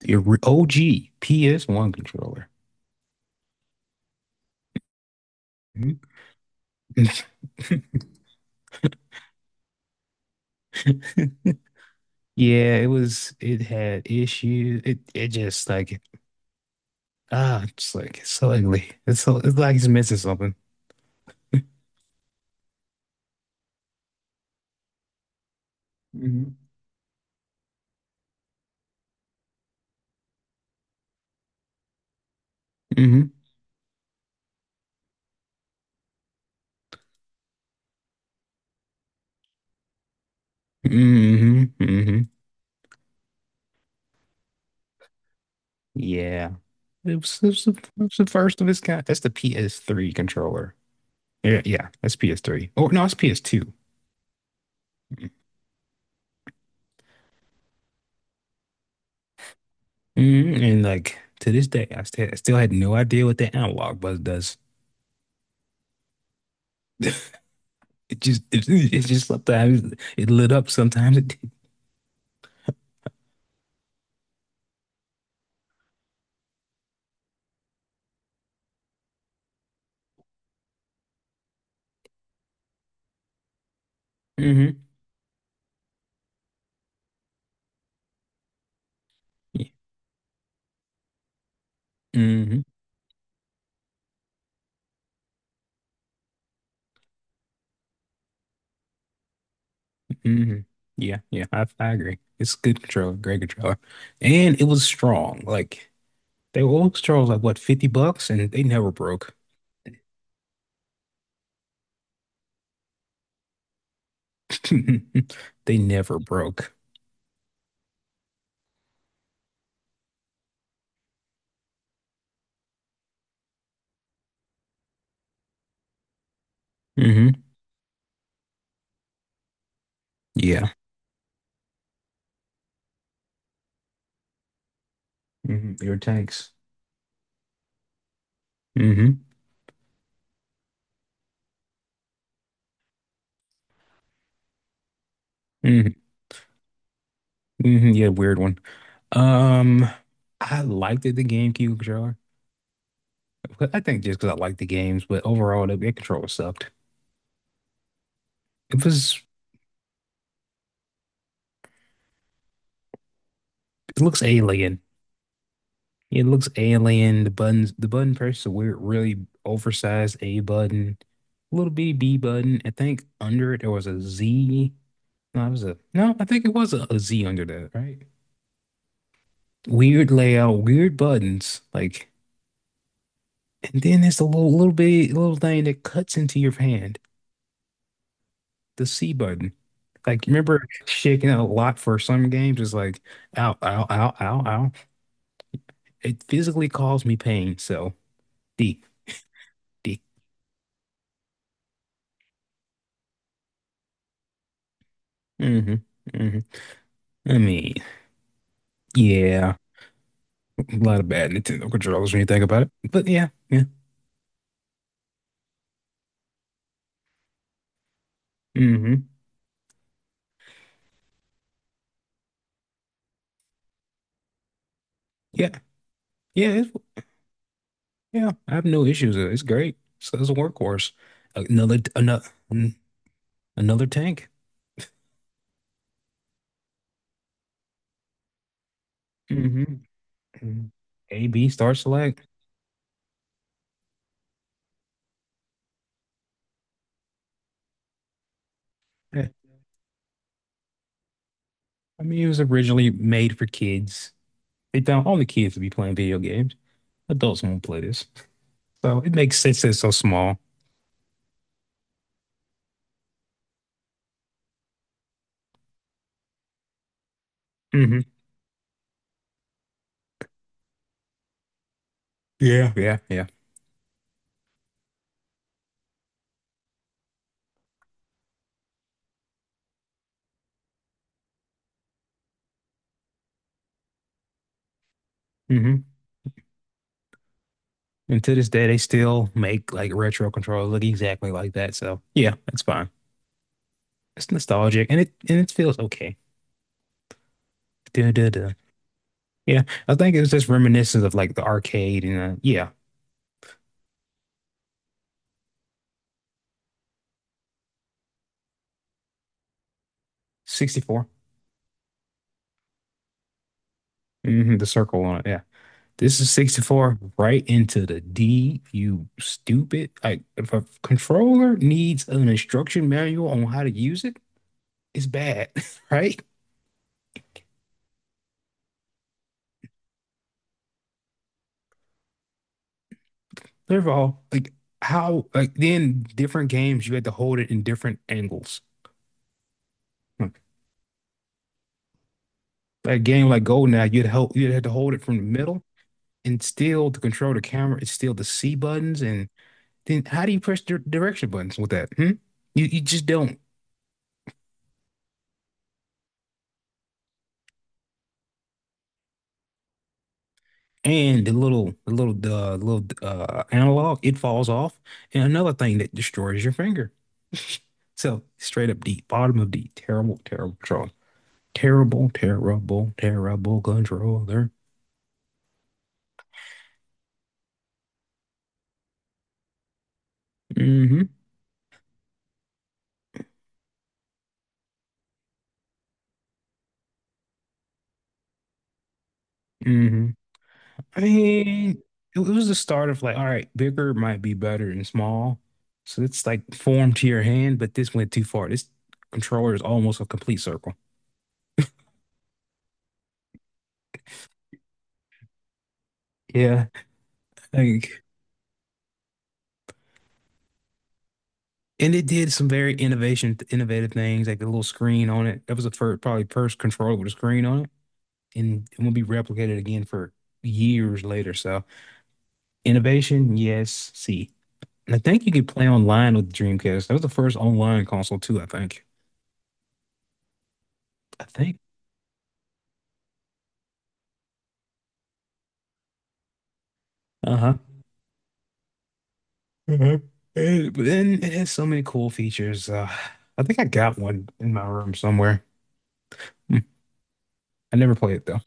The OG PS1 controller. Mm-hmm. Yeah, it was. It had issues. It just like just like it's so ugly. It's like it's missing something. hmm hmm mhm. Yeah, it was the first of its kind. That's the PS3 controller. Yeah, yeah, that's PS3. Or no, it's PS2. Mhm. And like to this day, I still had no idea what that analog button does. It just just sometimes it lit up, sometimes it did. Mm-hmm. Yeah. Mm-hmm. Mm-hmm. Yeah, yeah, I agree. It's good controller, great controller. And it was strong. Like they were old controllers like what, 50 bucks? And they never broke. They never broke. Hmm. Yeah. Hmm. Your tanks. hmm hmm hmm. Yeah, weird one. Um, I liked it, the GameCube controller. But I think just because I liked the games, but overall the controller sucked. It was It looks alien. It looks alien. The buttons, the button press a weird, really oversized A button, little bitty B button. I think under it there was a Z. No, it was a no. I think it was a Z under that, right? Weird layout, weird buttons, like, and then there's a little thing that cuts into your hand, the C button. Like, remember shaking out a lot for some games? It's like, ow, ow, ow, ow, ow. It physically caused me pain. So D, D. Mm-hmm. Mm-hmm. I mean, yeah, a lot of bad Nintendo controllers when you think about it. But yeah, yeah, mm hmm, yeah, yeah, it's, yeah. I have no issues with it. It's great. So it's a workhorse. Another, another, Another tank. Mm-hmm. A B star select. Yeah. I mean, it was originally made for kids. They found all the kids to be playing video games. Adults won't play this, so it makes sense that it's so small. Mm hmm. Yeah, yeah, yeah. Mm hmm. And to this day, they still make like retro controllers look exactly like that. So yeah, it's fine. It's nostalgic and it feels okay. Duh, duh, duh. Yeah, I think it was just reminiscent of like the arcade and yeah, 64. Hmm. The circle on it. Yeah, this is 64 right into the D. You stupid! Like if a controller needs an instruction manual on how to use it, it's bad, right? First of all, like how like then different games you had to hold it in different angles. Hmm. A game like GoldenEye, you'd have to hold it from the middle and still to control the camera, it's still the C buttons. And then how do you press the direction buttons with that? Hmm? You just don't. And the little analog, it falls off. And another thing that destroys your finger. So straight up D, bottom of D, terrible, terrible control. Terrible, terrible, terrible controller. Mm-hmm. Mm-hmm. I mean, it was the start of like, all right, bigger might be better than small. So it's like formed to your hand, but this went too far. This controller is almost a complete circle. Yeah. Like, and it did some innovative things, like the little screen on it. That was probably first controller with a screen on it, and it won't be replicated again for years later. So innovation, yes. See, and I think you could play online with the Dreamcast. That was the first online console too, I think. I think. Uh-huh. Mhm. It, but then it has so many cool features. I think I got one in my room somewhere. Hmm. I never played it though.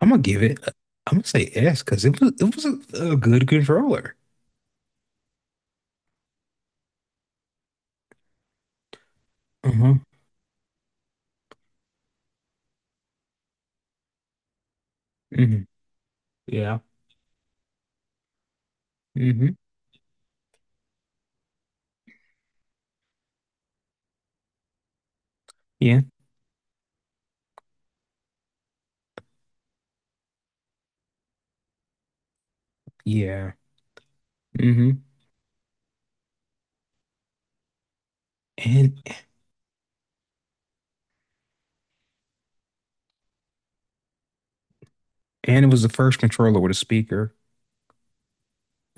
I'm gonna give it. I'm gonna say S because it was a good controller. Uh-huh. Hmm. Yeah. Hmm. Yeah. Yeah. Hmm. And and it was the first controller with a speaker.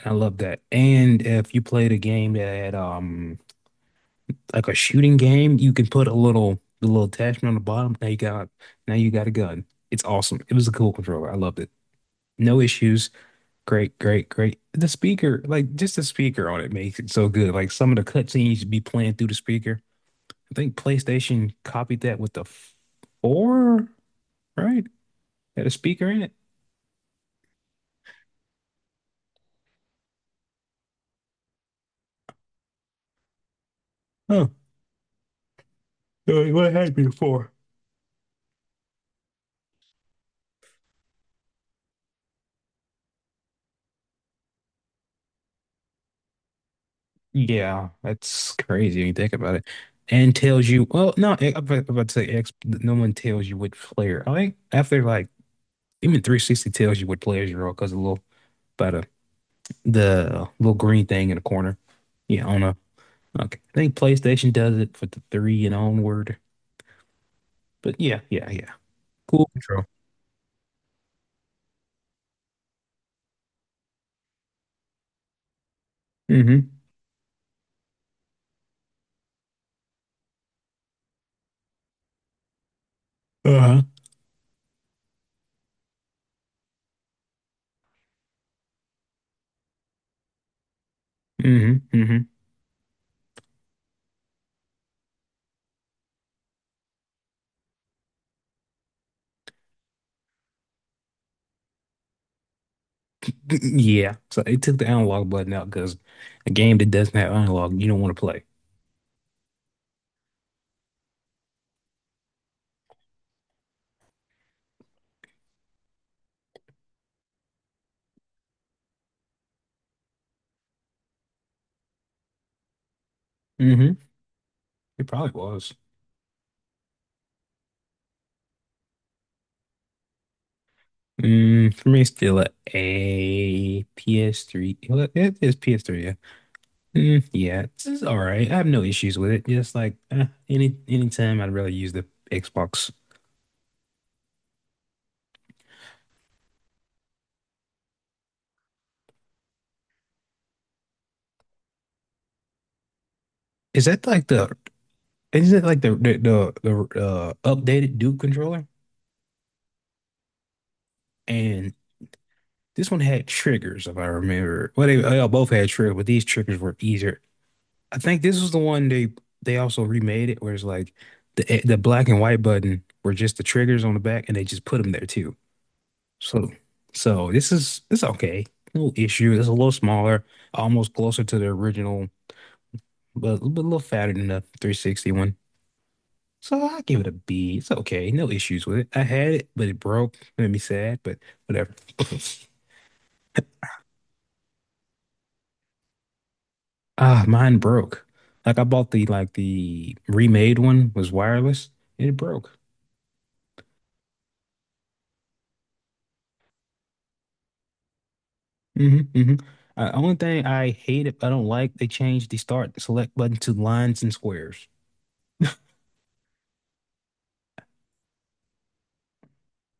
I love that. And if you played a game that had like a shooting game, you can put a little the little attachment on the bottom. Now you got a gun. It's awesome. It was a cool controller. I loved it. No issues. Great, great, great. The speaker, like just the speaker on it makes it so good. Like some of the cutscenes should be playing through the speaker. I think PlayStation copied that with the four, right? Had a speaker in it. Oh, what had before? Yeah, that's crazy when you think about it. And tells you, well, no, I'm about to say X, no one tells you what player. I think after like even 360 tells you what players you're on because a little, about a, the little green thing in the corner. Yeah, on a Okay. I think PlayStation does it for the three and onward. But yeah, yeah, yeah. Cool control. Mm-hmm. Uh-huh. Mm-hmm. Hmm. Yeah. So they took the analog button out because a game that doesn't have analog, you don't want to play. Mm-hmm. It probably was. Mm, for me, it's still a, PS3. Well, it is PS3, yeah. Mm, yeah, it's all right. I have no issues with it. Just like eh, anytime, I'd rather use the Xbox. Is that like the Isn't it like the updated Duke controller? And this one had triggers, if I remember. Well, they all both had triggers, but these triggers were easier. I think this was the one they also remade it, where it's like the black and white button were just the triggers on the back, and they just put them there too. So so this is it's okay, no issue. It's a little smaller, almost closer to the original, but a little fatter than the 360 one. So I give it a B. It's okay. No issues with it. I had it, but it broke. It made me sad, but whatever. Ah, mine broke. Like I bought the like the remade one was wireless and it broke. hmm hmm only thing I hate it, I don't like they changed the start select button to lines and squares.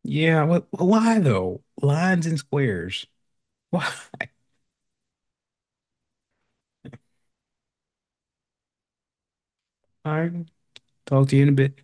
Yeah, what why though? Lines and squares. Why? All right. Talk to you in a bit.